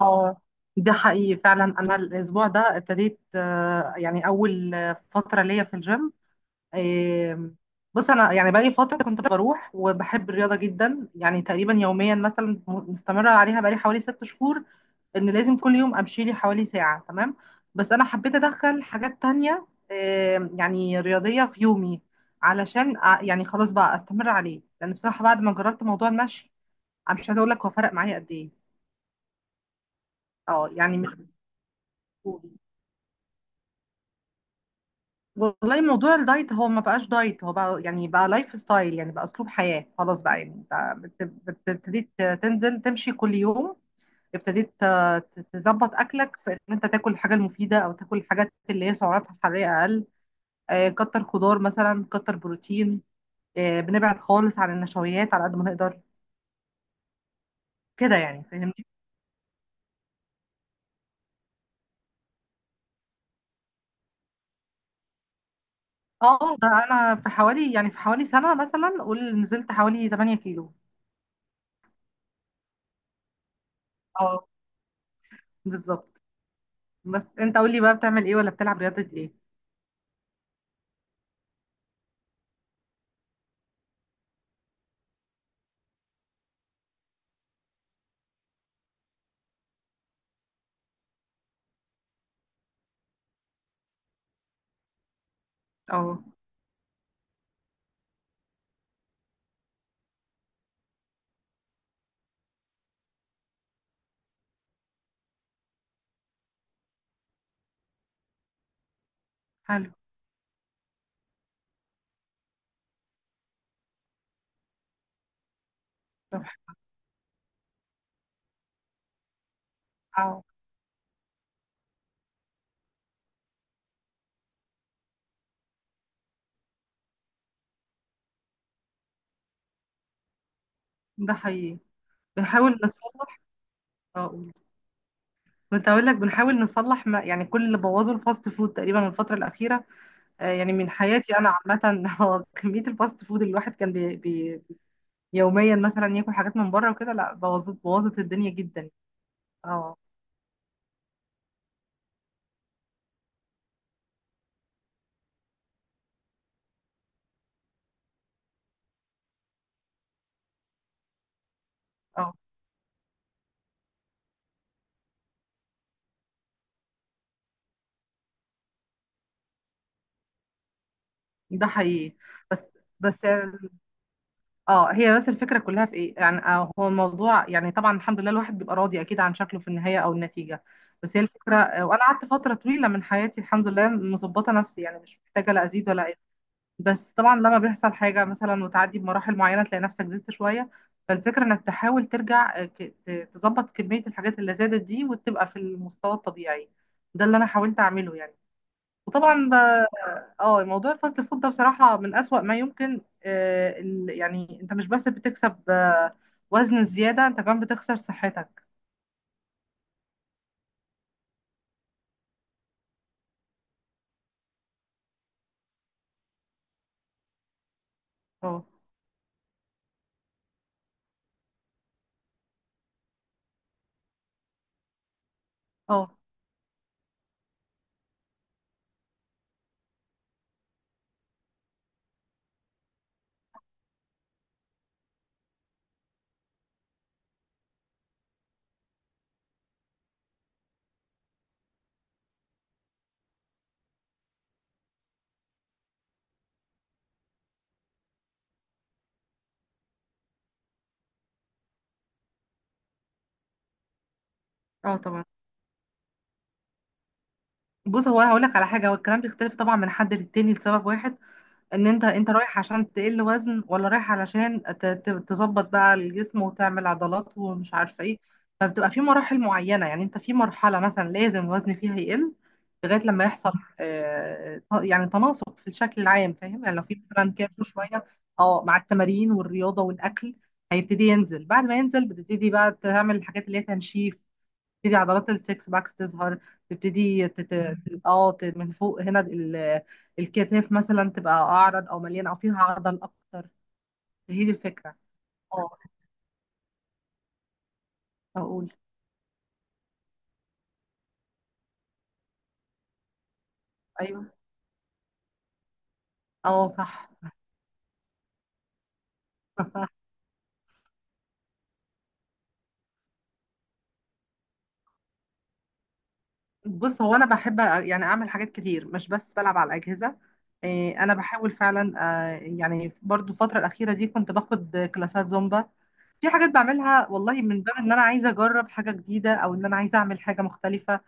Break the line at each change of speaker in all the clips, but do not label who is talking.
اه ده حقيقي فعلا، انا الاسبوع ده ابتديت، يعني اول فتره ليا في الجيم. آم، بص انا يعني بقالي فتره كنت بروح وبحب الرياضه جدا، يعني تقريبا يوميا مثلا مستمره عليها بقالي حوالي 6 شهور، ان لازم كل يوم امشي لي حوالي ساعه. تمام، بس انا حبيت ادخل حاجات تانية، يعني رياضيه في يومي، علشان يعني خلاص بقى استمر عليه، لان بصراحه بعد ما جربت موضوع المشي، انا مش عايزه اقول لك هو فرق معايا قد ايه. اه يعني مش، والله موضوع الدايت هو ما بقاش دايت، هو بقى يعني بقى لايف ستايل، يعني بقى اسلوب حياة، خلاص بقى. يعني انت ابتديت تنزل تمشي كل يوم، ابتديت تظبط اكلك، في ان انت تاكل الحاجة المفيدة او تاكل الحاجات اللي هي سعراتها الحرارية اقل، كتر خضار مثلا، كتر بروتين، بنبعد خالص عن النشويات على قد ما نقدر، كده يعني، فاهمني. اه ده انا في حوالي، يعني في حوالي سنة مثلا قول، نزلت حوالي 8 كيلو. اه بالظبط. بس انت قول لي بقى، بتعمل ايه ولا بتلعب رياضة ايه؟ اه. حلو. طب. اه ده حقيقي. بنحاول نصلح. اه قول. كنت هقول لك بنحاول نصلح ما، يعني كل اللي بوظه الفاست فود تقريبا الفترة الأخيرة، يعني من حياتي أنا عامة. هو كمية الفاست فود اللي الواحد كان بي يوميا مثلا ياكل حاجات من بره وكده، لا بوظت الدنيا جدا. اه. اه ده حقيقي. بس بس، اه هي بس الفكرة كلها في ايه يعني، هو الموضوع، يعني طبعا الحمد لله الواحد بيبقى راضي اكيد عن شكله في النهاية او النتيجة. بس هي الفكرة، وانا قعدت فترة طويلة من حياتي الحمد لله مظبطة نفسي، يعني مش محتاجة لا ازيد ولا اقل. بس طبعا لما بيحصل حاجة مثلا وتعدي بمراحل معينة تلاقي نفسك زدت شوية، فالفكرة انك تحاول ترجع، تظبط كمية الحاجات اللي زادت دي، وتبقى في المستوى الطبيعي. ده اللي انا حاولت اعمله يعني. وطبعا اه، موضوع الفاست فود ده بصراحة من أسوأ ما يمكن، يعني انت مش بس بتكسب، وزن زيادة، انت كمان بتخسر صحتك. اه. اه. اه طبعا. بص هو انا هقولك على حاجة، هو الكلام بيختلف طبعا من حد للتاني لسبب واحد، ان انت، انت رايح عشان تقل وزن ولا رايح علشان تظبط بقى الجسم وتعمل عضلات ومش عارفه ايه. فبتبقى في مراحل معينه، يعني انت في مرحله مثلا لازم الوزن فيها يقل لغايه لما يحصل، يعني تناسق في الشكل العام، فاهم يعني، لو في مثلا كيرف شويه. اه، مع التمارين والرياضه والاكل هيبتدي ينزل، بعد ما ينزل بتبتدي بقى تعمل الحاجات اللي هي تنشيف، تبتدي عضلات السكس باكس تظهر. تبتدي تت... مم. اه ت- من فوق هنا، الكتاف مثلا تبقى اعرض، او مليانه، او فيها عضل اكتر. هي دي الفكره. اه. اقول. ايوه. اه صح. بص هو انا بحب يعني اعمل حاجات كتير، مش بس بلعب على الاجهزه، انا بحاول فعلا، يعني برضو الفتره الاخيره دي كنت باخد كلاسات زومبا، في حاجات بعملها والله من باب ان انا عايزه اجرب حاجه جديده، او ان انا عايزه اعمل حاجه مختلفه.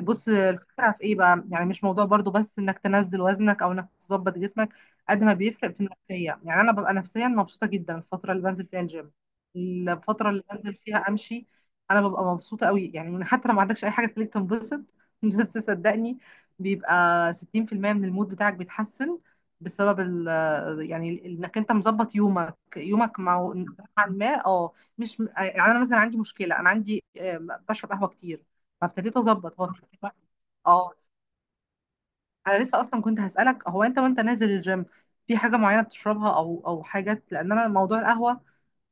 بص الفكرة في ايه بقى، يعني مش موضوع برضو بس انك تنزل وزنك او انك تظبط جسمك، قد ما بيفرق في النفسية، يعني انا ببقى نفسيا مبسوطة جدا الفترة اللي بنزل فيها الجيم، الفترة اللي بنزل فيها امشي، انا ببقى مبسوطة قوي، يعني من حتى لو ما عندكش اي حاجة تخليك تنبسط. بس صدقني، بيبقى 60% من المود بتاعك بيتحسن، بسبب ال، يعني انك انت مظبط يومك مع نوعاً ما، اه. مش يعني، انا مثلا عندي مشكلة، انا عندي، بشرب قهوة كتير، فابتديت اظبط، هو في، اه. انا لسه اصلا كنت هسالك، هو انت وانت نازل الجيم في حاجه معينه بتشربها، او حاجات، لان انا موضوع القهوه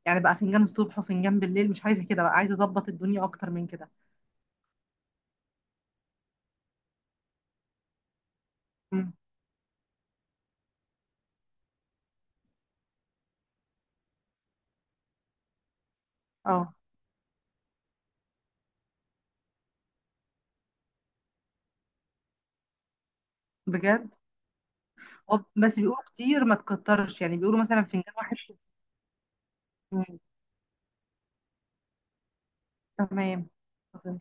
يعني بقى فنجان الصبح وفنجان بالليل، مش عايزه كده بقى، عايزه اظبط الدنيا اكتر من كده. مم. اه. بجد. بس بيقولوا كتير ما تكترش، يعني بيقولوا مثلا فنجان واحد. مم. تمام. تمام.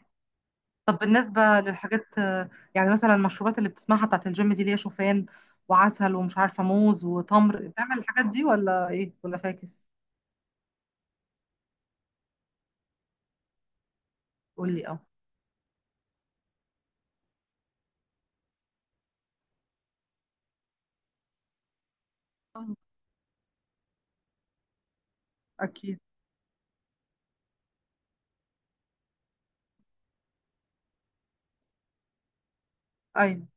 طب بالنسبه للحاجات، يعني مثلا المشروبات اللي بتسمعها بتاعت الجيم دي، اللي هي شوفان وعسل ومش عارفه موز وتمر، بتعمل الحاجات دي ولا ايه ولا فاكس؟ قول لي. آه. اكيد. ايوه.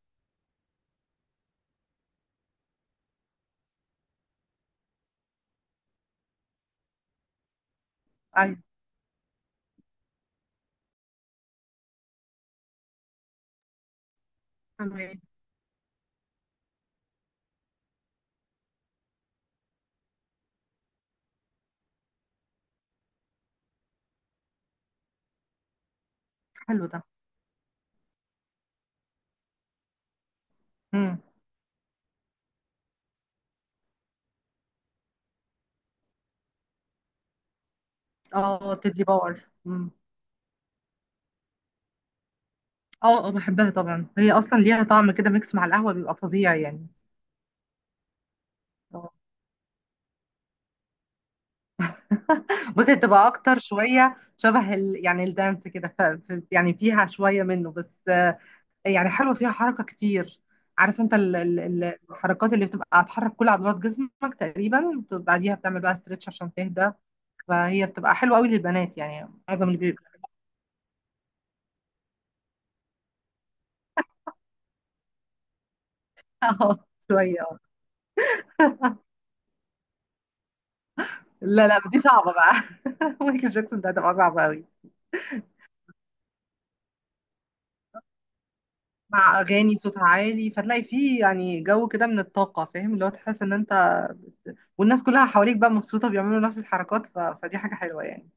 ايوه. تمام. حلو ده. امم. اه تدي باور. امم. اه، اه، بحبها طبعا، هي اصلا ليها طعم كده ميكس مع القهوه بيبقى فظيع يعني. آه. بصي، بتبقى اكتر شويه شبه يعني الدانس كده، يعني فيها شويه منه، بس يعني حلوه فيها حركه كتير. عارف انت الحركات اللي بتبقى هتحرك كل عضلات جسمك تقريبا، بعديها بتعمل بقى ستريتش عشان تهدى، فهي بتبقى حلوه قوي للبنات، يعني معظم اللي بيبقى. اه شويه. لا، لا، دي صعبة بقى. مايكل جاكسون ده هتبقى صعبة قوي. مع أغاني صوتها عالي، فتلاقي فيه يعني جو كده من الطاقة، فاهم، اللي هو تحس إن أنت والناس كلها حواليك بقى مبسوطة بيعملوا نفس الحركات، فدي حاجة حلوة يعني.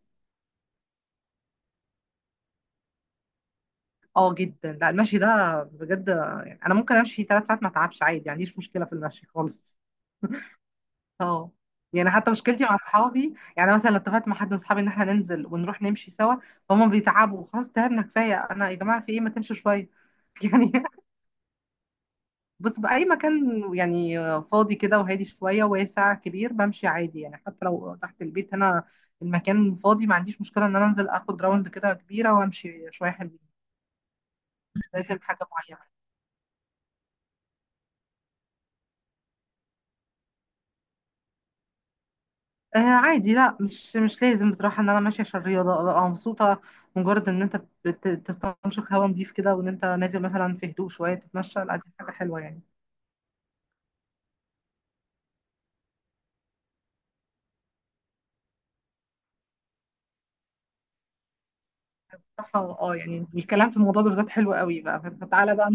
اه جدا، لا المشي ده بجد، يعني أنا ممكن أمشي 3 ساعات ما أتعبش عادي، ما عنديش مشكلة في المشي خالص. اه. يعني حتى مشكلتي مع اصحابي، يعني مثلا لو اتفقت مع حد من اصحابي ان احنا ننزل ونروح نمشي سوا، فهم بيتعبوا، خلاص تعبنا كفايه، انا يا جماعه في ايه ما تمشوا شويه. يعني بص، بأي مكان يعني، فاضي كده وهادي شوية واسع كبير، بمشي عادي، يعني حتى لو تحت البيت هنا المكان فاضي، ما عنديش مشكلة إن أنا أنزل آخد راوند كده كبيرة وأمشي شوية حلوين. مش لازم حاجة معينة. آه. عادي، لا، مش مش لازم بصراحة إن أنا ماشية عشان الرياضة أبقى مبسوطة، مجرد إن أنت بتستنشق هوا نضيف كده، وإن أنت نازل مثلا في هدوء شوية تتمشى، لا دي حاجة حلوة يعني. بصراحة اه، يعني الكلام في الموضوع ده بالذات حلو قوي بقى، فتعالى بقى.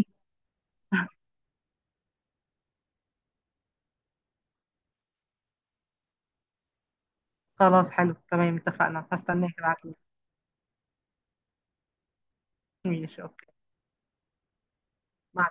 خلاص، حلو، تمام، اتفقنا، هستناك ابعتلي. ماشي اوكي. مع